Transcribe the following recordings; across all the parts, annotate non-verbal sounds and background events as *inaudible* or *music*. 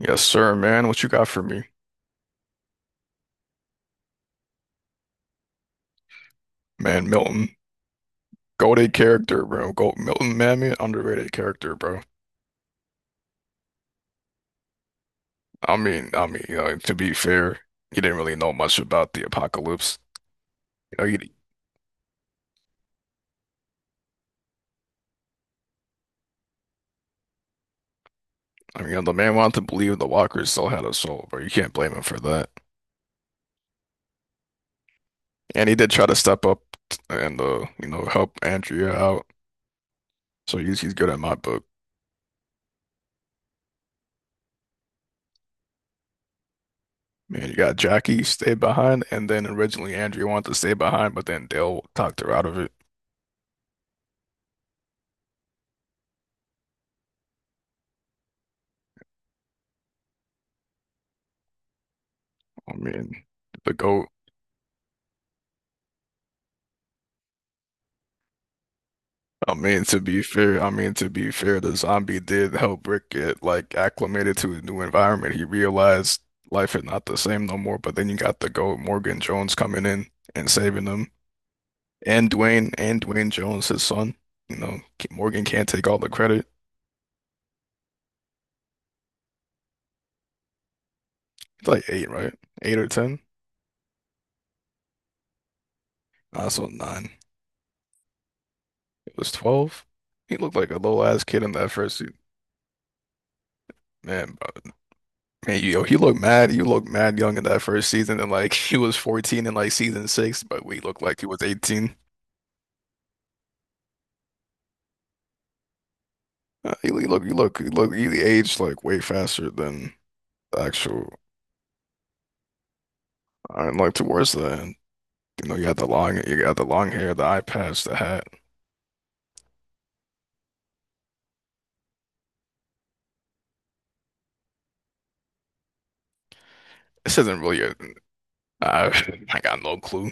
Yes, sir, man. What you got for me? Man, Milton. Goated character, bro. Go Milton, man, man, underrated character, bro. To be fair, he didn't really know much about the apocalypse. You know, he, I mean, the man wanted to believe the walkers still had a soul, bro. You can't blame him for that. And he did try to step up and help Andrea out. So he's good in my book. Man, you got Jackie stayed behind, and then originally Andrea wanted to stay behind, but then Dale talked her out of it. I mean, the goat. I mean, to be fair, the zombie did help Rick get like acclimated to his new environment. He realized life is not the same no more. But then you got the GOAT Morgan Jones coming in and saving them, and Dwayne Jones, his son. You know, Morgan can't take all the credit. He's like eight, right? Eight or ten? I saw nine. It was 12. He looked like a little ass kid in that first season. Man, Man, yo, he looked mad. He looked mad young in that first season, and like *laughs* he was 14 in like season six, but we looked like he was 18. He he aged like way faster than the actual. And like towards the end, you know, you got the long hair, the eye patch, the hat. This isn't really a. I *laughs* I got no clue.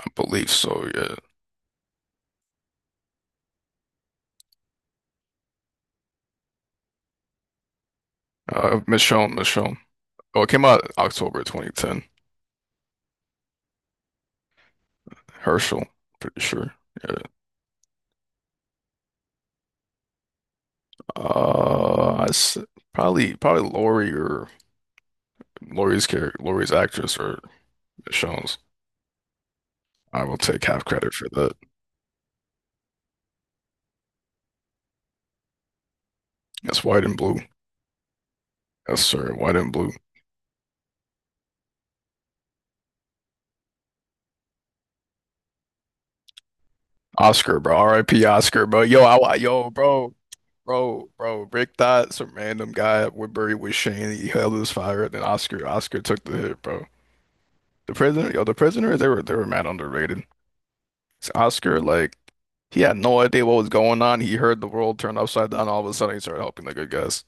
I believe so. Yeah, Michonne. Oh, it came out October 2010. Herschel, pretty sure. Yeah. Uh, I s- probably Lori or. Laurie's actress, or Sean's. I will take half credit for that. That's white and blue. Yes, sir. White and blue. Oscar, bro. R.I.P. Oscar, bro. Yo, I, yo, bro, bro, bro. Rick thought some random guy at Woodbury was Shane. He held his fire, and then Oscar took the hit, bro. The prisoner. They were mad underrated. So Oscar, like, he had no idea what was going on. He heard the world turn upside down. All of a sudden, he started helping the good guys.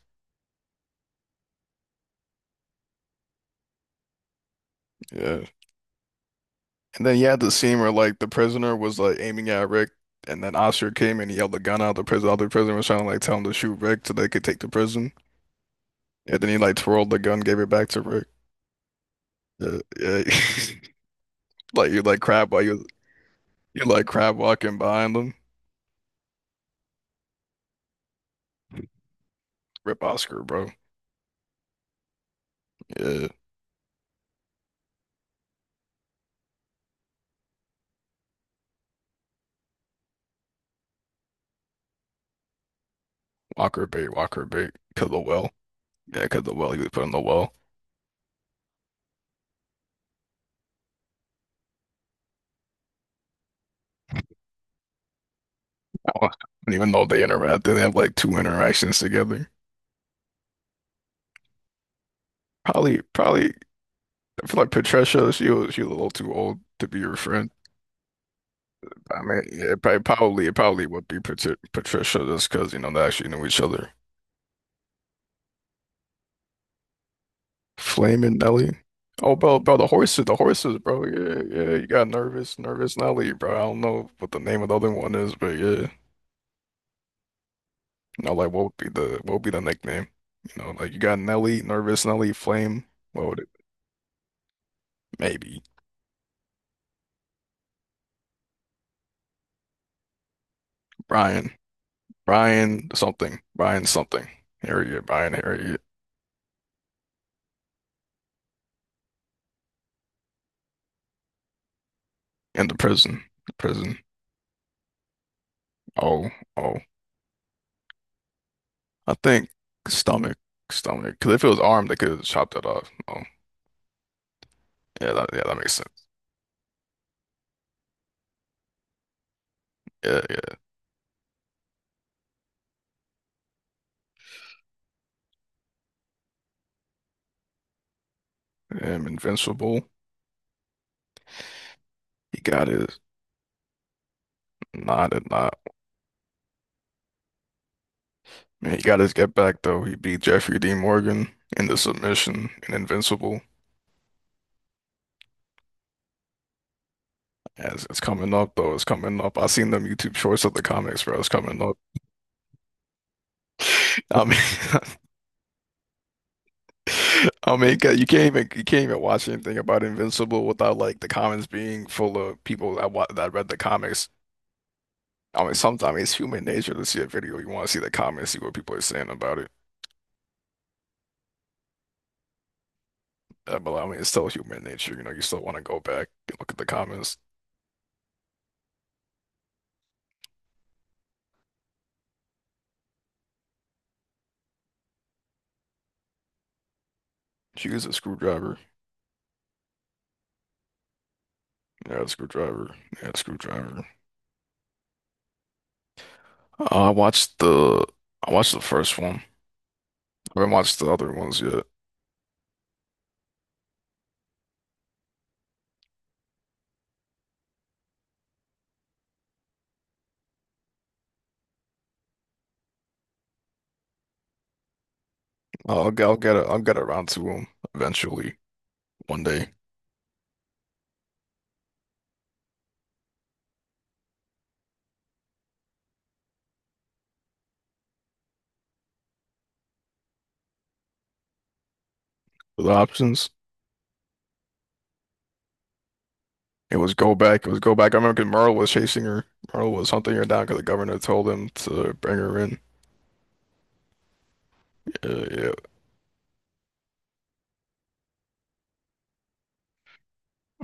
Yeah. And then you had the scene where like the prisoner was like aiming at Rick, and then Oscar came and he yelled the gun out of the prison. All the prisoner was trying to like tell him to shoot Rick so they could take the prison. And then he like twirled the gun, gave it back to Rick. Yeah, yeah. *laughs* Like you like crab while you you like crab walking behind them. Rip Oscar, bro. Yeah, Walker bait, cause the well. Yeah, cause the well he was put in the well. *laughs* I don't even know if they interact. They have like two interactions together. Probably. I feel like Patricia. She was a little too old to be your friend. I mean, yeah, it probably would be Patricia just because you know they actually knew each other. Flaming Nelly. Oh, bro, the horses, bro. Yeah, yeah. You got nervous Nelly, bro. I don't know what the name of the other one is, but yeah. You know, like what would be the nickname? You know, like you got Nelly, nervous Nelly, Flame. What would it maybe Brian, Brian something. Harriet, Brian Harriet in the prison. Oh, oh. I think stomach, stomach. Because if it was arm, they could have chopped that off. Oh, yeah, that, yeah, that makes sense. Yeah, yeah. Him, Invincible. He got his not it not. Man, he got his get back though. He beat Jeffrey D. Morgan in the submission in Invincible. As it's coming up though, it's coming up. I seen them YouTube shorts of the comics, bro. It's coming up. *laughs* I mean, *laughs* I mean, 'cause you can't even watch anything about Invincible without like the comments being full of people that read the comics. I mean, sometimes it's human nature to see a video. You want to see the comments, see what people are saying about it. But I mean, it's still human nature. You know, you still want to go back and look at the comments. She used a screwdriver. Yeah, a screwdriver. Yeah, a screwdriver. Uh, I watched the I watched the first one. I haven't watched the other ones yet. I'll get around to them eventually one day. The options. It was go back. It was go back. I remember 'cause Merle was chasing her. Merle was hunting her down because the governor told him to bring her in. Yeah, yeah.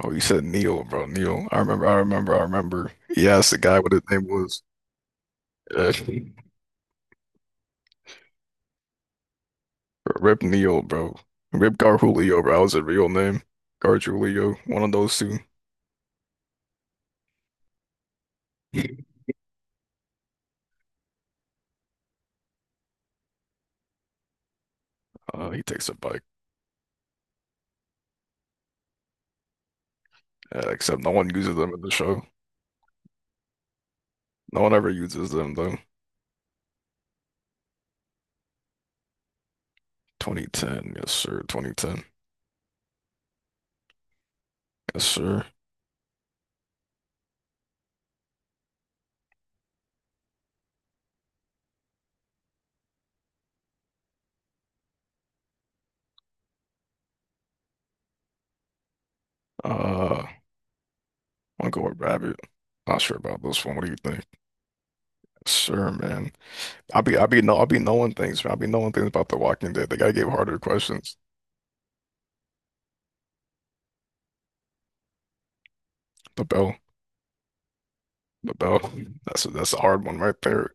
Oh, you said Neil, bro. Neil. I remember. He asked the guy what his name was. Yeah. *laughs* Rip Neil, bro. Rip Garjulio, bro. That was his real name. Garjulio, one of those two. *laughs* He takes a bike. Except no one uses them in the show. No one ever uses them though. 2010, yes sir. 2010, yes sir. Uh, I'll go with Rabbit. Not sure about this one. What do you think? Yes, sir, man. I'll be, no, I'll be knowing things, man. I'll be knowing things about The Walking Dead. They gotta give harder questions. The bell. But bro, that's a hard one right there.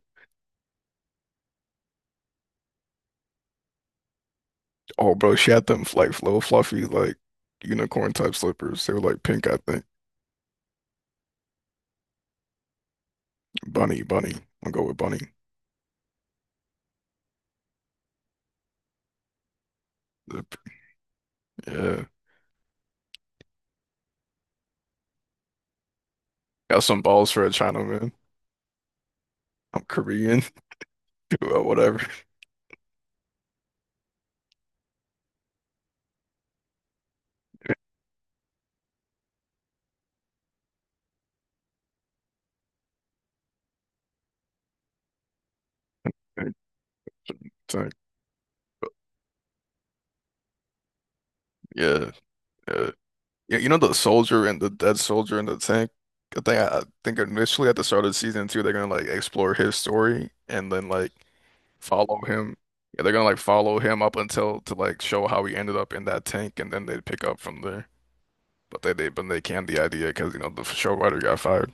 Oh, bro, she had them like little fluffy like unicorn type slippers. They were like pink, I think. Bunny. I'll go with bunny. Yep. Yeah, got some balls for a Chinaman. I'm Korean, *laughs* well, whatever. *laughs* Tank. Yeah, yeah, yeah. You know the soldier and the dead soldier in the tank. I think initially at the start of the season two, they're gonna like explore his story and then like follow him. Yeah, they're gonna like follow him up until to like show how he ended up in that tank, and then they would pick up from there. But they canned the idea because you know the show writer got fired.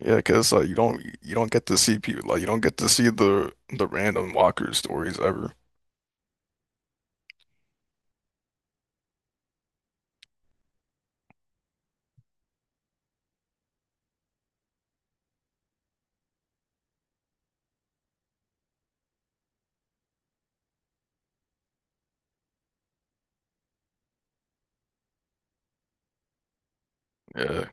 Yeah, because like you don't get to see people like you don't get to see the random Walker stories ever. Yeah,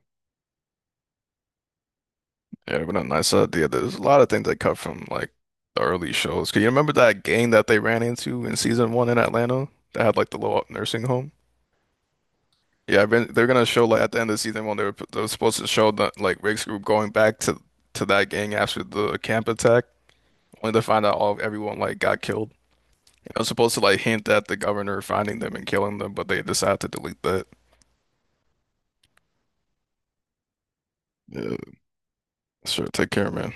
yeah, but a nice idea. There's a lot of things that cut from like the early shows. Can you remember that gang that they ran into in season one in Atlanta that had like the little nursing home? Yeah, I've been, they're gonna show like at the end of the season when they were supposed to show the like Riggs group going back to that gang after the camp attack, only to find out all everyone like got killed. It was supposed to like hint at the governor finding them and killing them, but they decided to delete that. Yeah, sure, take care, man.